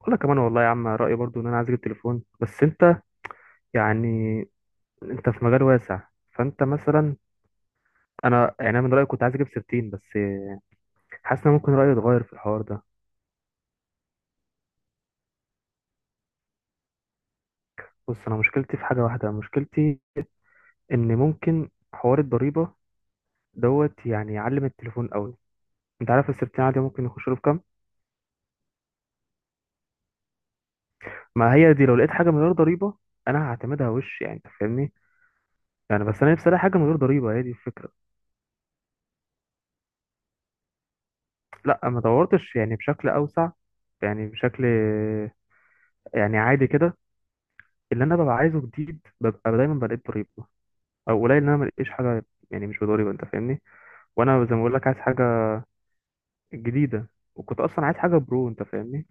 ولا كمان، والله يا عم، رأيي برضو ان انا عايز اجيب تليفون. بس يعني انت في مجال واسع، فانت مثلا، انا يعني أنا من رأيي كنت عايز اجيب 16 بس. حاسس ان ممكن رأيي يتغير في الحوار ده. بص، انا مشكلتي في حاجة واحدة، مشكلتي ان ممكن حوار الضريبة دوت يعني يعلم التليفون قوي. انت عارف ال 16 عادي ممكن يخش له بكام؟ ما هي دي، لو لقيت حاجة من غير ضريبة انا هعتمدها وش، يعني انت فاهمني. يعني بس انا نفسي الاقي حاجة من غير ضريبة، هي دي الفكرة. لا، ما دورتش يعني بشكل اوسع، يعني بشكل، يعني عادي كده. اللي انا ببقى عايزه جديد ببقى دايما بلاقيه بضريبه، او قليل ان انا ملاقيش حاجه يعني مش بضريبه، انت فاهمني. وانا زي ما بقول لك عايز حاجه جديده، وكنت اصلا عايز حاجه برو، انت فاهمني.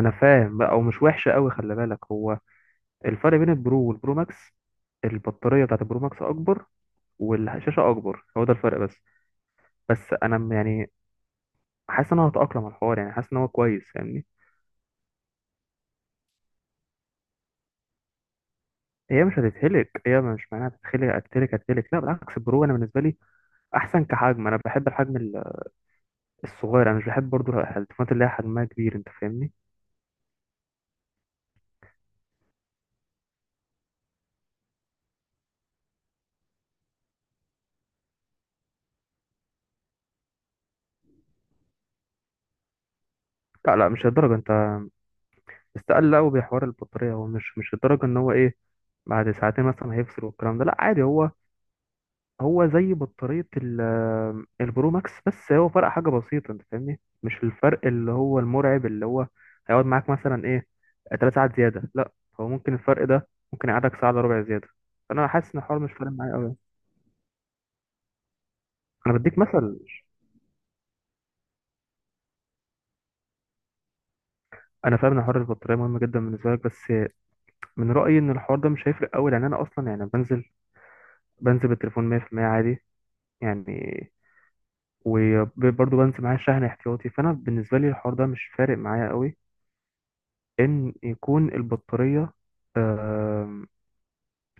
انا فاهم بقى، ومش وحشه قوي، خلي بالك. هو الفرق بين البرو والبرو ماكس، البطاريه بتاعت البرو ماكس اكبر، والشاشه اكبر، هو ده الفرق بس. بس انا يعني حاسس ان انا هتاقلم على الحوار، يعني حاسس ان هو كويس، فاهمني. هي مش هتتهلك، هي مش معناها هتتخلق. هتتهلك، لا بالعكس، البرو انا بالنسبه لي احسن كحجم، انا بحب الحجم الصغير، انا مش بحب برضو التليفونات اللي هي حجمها كبير، انت فاهمني. لا لا، مش الدرجه. انت استقل قوي بحوار البطاريه. هو مش الدرجه ان هو ايه، بعد ساعتين مثلا هيفصل والكلام ده، لا عادي. هو زي بطاريه ال- آمم، البرو ماكس، بس هو فرق حاجه بسيطه، انت فاهمني، مش الفرق اللي هو المرعب اللي هو هيقعد معاك مثلا ايه، ثلاث ساعات زياده، لا. هو ممكن الفرق ده ممكن يقعدك ساعه الا ربع زياده، فانا حاسس ان الحوار مش فارق معايا قوي. انا بديك مثل، انا فاهم ان حوار البطاريه مهم جدا بالنسبه لك، بس من رأيي إن الحوار ده مش هيفرق أوي، لأن أنا أصلا يعني بنزل بالتليفون 100% عادي يعني، وبرضه بنزل معايا شحن احتياطي، فأنا بالنسبة لي الحوار ده مش فارق معايا أوي، إن يكون البطارية آم،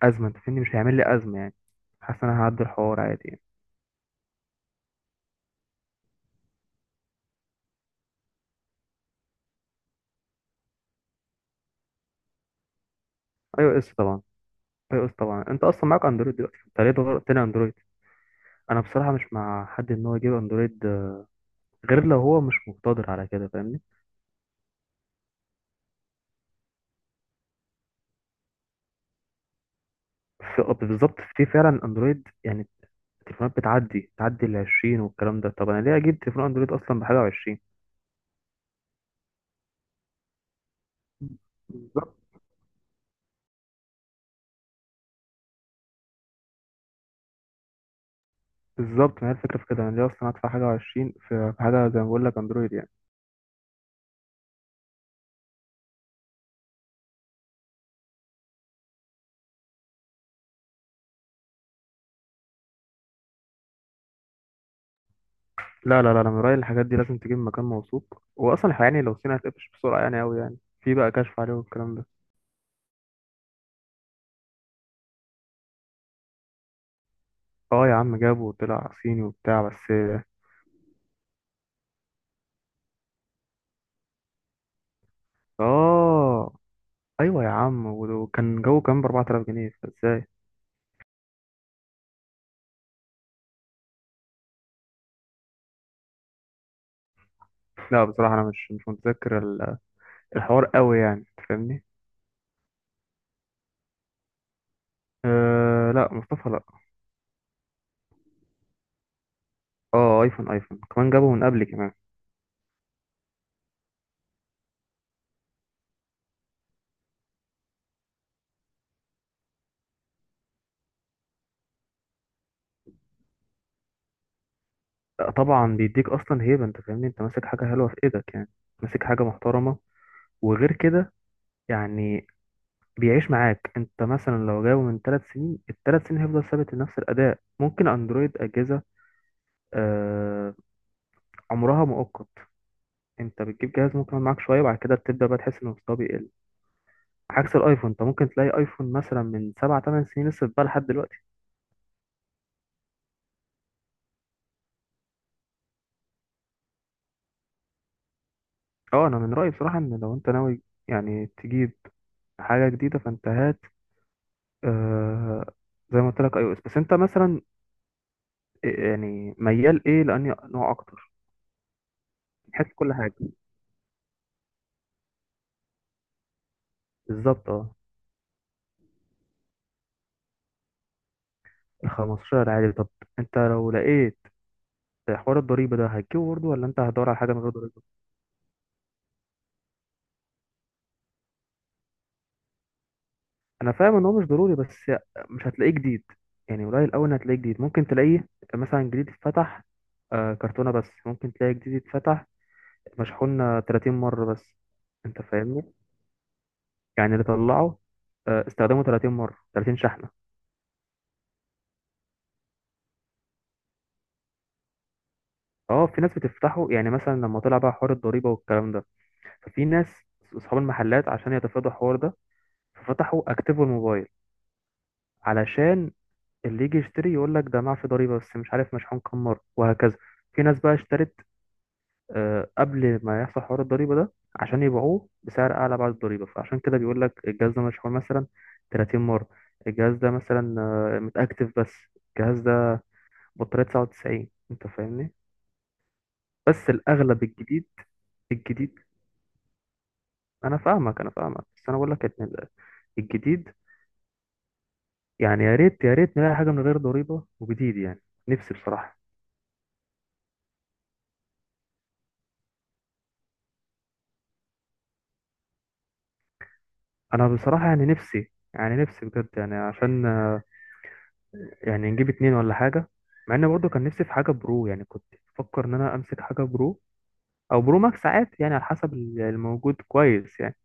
أزمة. أنت فاهمني، مش هيعمل لي أزمة يعني، حاسس إن أنا هعدي الحوار عادي يعني. iOS طبعا، iOS طبعا. أنت أصلا معاك أندرويد دلوقتي، أنت ليه غيرت لي أندرويد؟ أنا بصراحة مش مع حد إن هو يجيب أندرويد، غير لو هو مش مقتدر على كده، فاهمني. في بالظبط، في فعلا أندرويد يعني، التليفونات تعدي ال 20 والكلام ده. طب انا ليه اجيب تليفون اندرويد اصلا بحاجه و20؟ بالظبط، بالظبط. ما هي الفكره في كده، انا ليه اصلا ادفع حاجه و20 في حاجه زي ما بقول لك اندرويد يعني. لا لا لا، انا من رايي الحاجات دي لازم تجيب مكان موثوق، واصلا يعني لو صيني هتقفش بسرعه يعني، قوي يعني، في بقى كشف عليه والكلام ده. اه يا عم، جابه وطلع صيني وبتاع بس. اه ايوه يا عم، وكان جوه كام، ب 4000 جنيه، فازاي؟ لا بصراحه انا مش متذكر الحوار قوي يعني، أنت فاهمني. أه لا، مصطفى لا. اه، ايفون، ايفون كمان جابه من قبل كمان. آه، طبعا، بيديك اصلا هيبه، انت فاهمني، انت ماسك حاجه حلوه في ايدك يعني، ماسك حاجه محترمه، وغير كده يعني بيعيش معاك. انت مثلا لو جابه من ثلاث سنين، الثلاث سنين هيفضل ثابت نفس الاداء. ممكن اندرويد اجهزه آه عمرها مؤقت، انت بتجيب جهاز ممكن يقعد معاك شويه، وبعد كده بتبدا بقى تحس ان مستواه بيقل، عكس الايفون انت ممكن تلاقي ايفون مثلا من سبع ثمان سنين لسه بقى لحد دلوقتي. اه، انا من رايي بصراحه ان لو انت ناوي يعني تجيب حاجه جديده، فانت هات آه زي ما قلت لك iOS. بس انت مثلا يعني ميال ايه، لاني نوع اكتر من حيث كل حاجه. بالظبط اه. ال 15 عادي؟ طب انت لو لقيت حوار الضريبه ده هتجيبه برضه، ولا انت هتدور على حاجه من غير ضريبه؟ انا فاهم ان هو مش ضروري، بس مش هتلاقيه جديد يعني، قليل قوي ان هتلاقيه جديد. ممكن تلاقيه مثلا جديد اتفتح، كرتونه بس، ممكن تلاقي جديد اتفتح مشحون 30 مره بس. انت فاهمني، يعني اللي طلعه استخدمه 30 مره، 30 شحنه. اه، في ناس بتفتحه يعني، مثلا لما طلع بقى حوار الضريبة والكلام ده، ففي ناس اصحاب المحلات عشان يتفادوا الحوار ده ففتحوا اكتيفوا الموبايل، علشان اللي يجي يشتري يقول لك ده معفي ضريبة، بس مش عارف مشحون كام مرة وهكذا. في ناس بقى اشترت قبل ما يحصل حوار الضريبة ده، عشان يبيعوه بسعر اعلى بعد الضريبة، فعشان كده بيقول لك الجهاز ده مشحون مثلا 30 مرة، الجهاز ده مثلا متأكتف بس، الجهاز ده بطارية 99، انت فاهمني. بس الاغلب الجديد، الجديد، انا فاهمك، انا فاهمك، بس انا بقول لك إن الجديد يعني، يا ريت يا ريت نلاقي حاجه من غير ضريبه وجديد يعني، نفسي بصراحه. انا بصراحه يعني نفسي، يعني نفسي بجد، يعني عشان يعني نجيب اتنين ولا حاجه. مع ان برضه كان نفسي في حاجه برو يعني، كنت بفكر ان انا امسك حاجه برو او برو ماكس ساعات يعني، على حسب الموجود كويس يعني،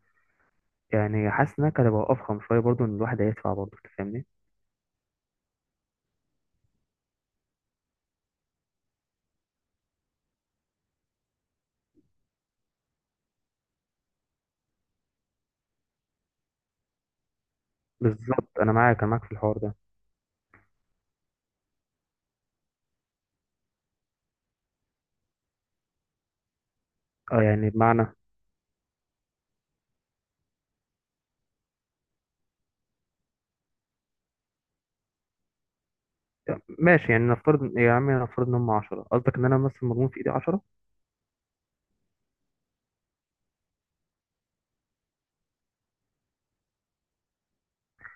يعني حاسس انها كانت هتبقى افخم شويه برضه، ان الواحد هيدفع برضه أنت فاهمني. بالظبط، انا معاك، انا معاك في الحوار ده. اه يعني بمعنى، ماشي. يعني نفترض يا عمي، نفترض ان هم 10، قصدك ان انا مثلا مضمون في ايدي 10.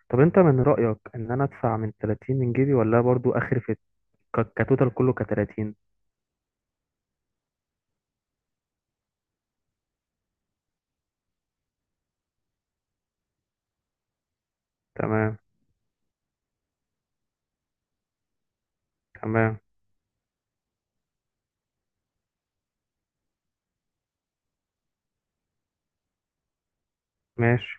طب انت من رأيك ان انا ادفع من 30 من جيبي، ولا برضو اخر في كتوتال كله ك 30؟ تمام، تمام، ماشي.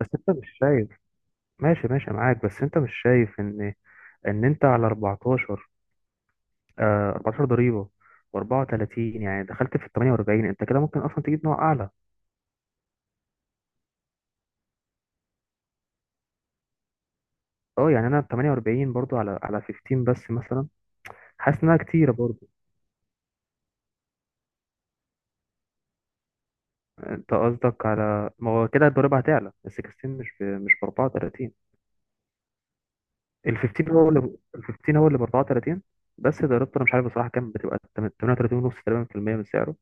بس انت مش شايف، ماشي ماشي معاك، بس انت مش شايف ان انت على 14، آه 14 ضريبة، و34، يعني دخلت في ال 48. انت كده ممكن اصلا تجيب نوع اعلى. اه يعني، انا 48 برضو على 15 بس مثلا، حاسس انها كتيرة برضو. انت قصدك على ما هو كده الضريبة هتعلى ال 16؟ مش ب 34؟ ال 15 هو ال 15 هو اللي ب 34، بس ضريبته انا مش عارف بصراحة كام بتبقى، 38 ونص تقريبا في المية من سعره،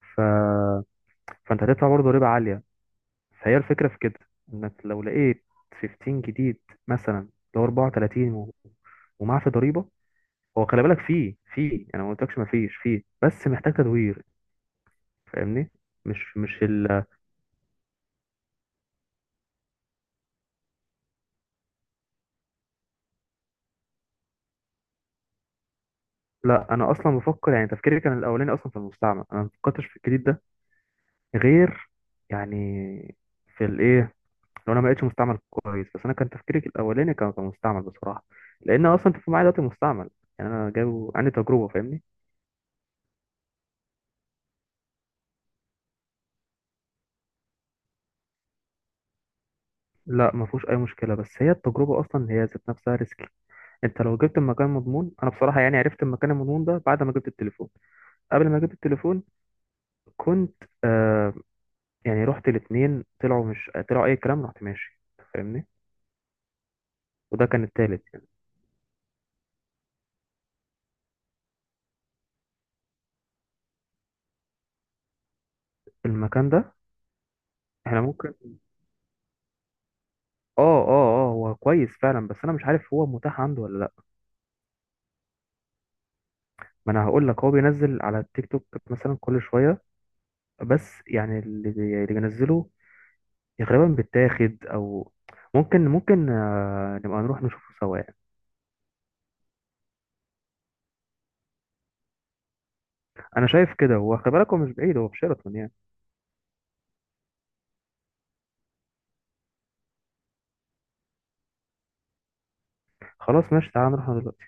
ف... فانت هتدفع برضه ضريبة عالية. فهي الفكرة في كده، انك لو لقيت 15 جديد مثلا، اللي هو 34 ومعاه في ضريبة. هو خلي بالك فيه انا ما قلتلكش ما فيش، فيه بس محتاج تدوير، فاهمني، مش لا. انا اصلا بفكر يعني، تفكيري كان الاولاني اصلا في المستعمل، انا ما فكرتش في الجديد ده غير يعني في الايه، لو انا ما لقيتش مستعمل كويس، بس انا كان تفكيري الاولاني كان في المستعمل بصراحه، لان اصلا انت معايا دلوقتي مستعمل يعني، انا جايبه عندي تجربه، فاهمني. لا، ما فيهوش اي مشكله، بس هي التجربه اصلا هي ذات نفسها ريسكي. انت لو جبت المكان مضمون، انا بصراحه يعني عرفت المكان المضمون ده بعد ما جبت التليفون، قبل ما جبت التليفون كنت يعني رحت الاثنين طلعوا مش طلعوا اي كلام، رحت ماشي، فاهمني، وده كان التالت. المكان ده احنا ممكن، اه هو كويس فعلا، بس انا مش عارف هو متاح عنده ولا لا. ما انا هقول لك، هو بينزل على التيك توك مثلا كل شويه، بس يعني اللي بينزله غالبا بيتاخد، او ممكن نبقى نروح نشوفه سوا يعني. انا شايف كده، هو خلي بالك هو مش بعيد، هو في شيراتون يعني. خلاص ماشي، تعالى نروح دلوقتي.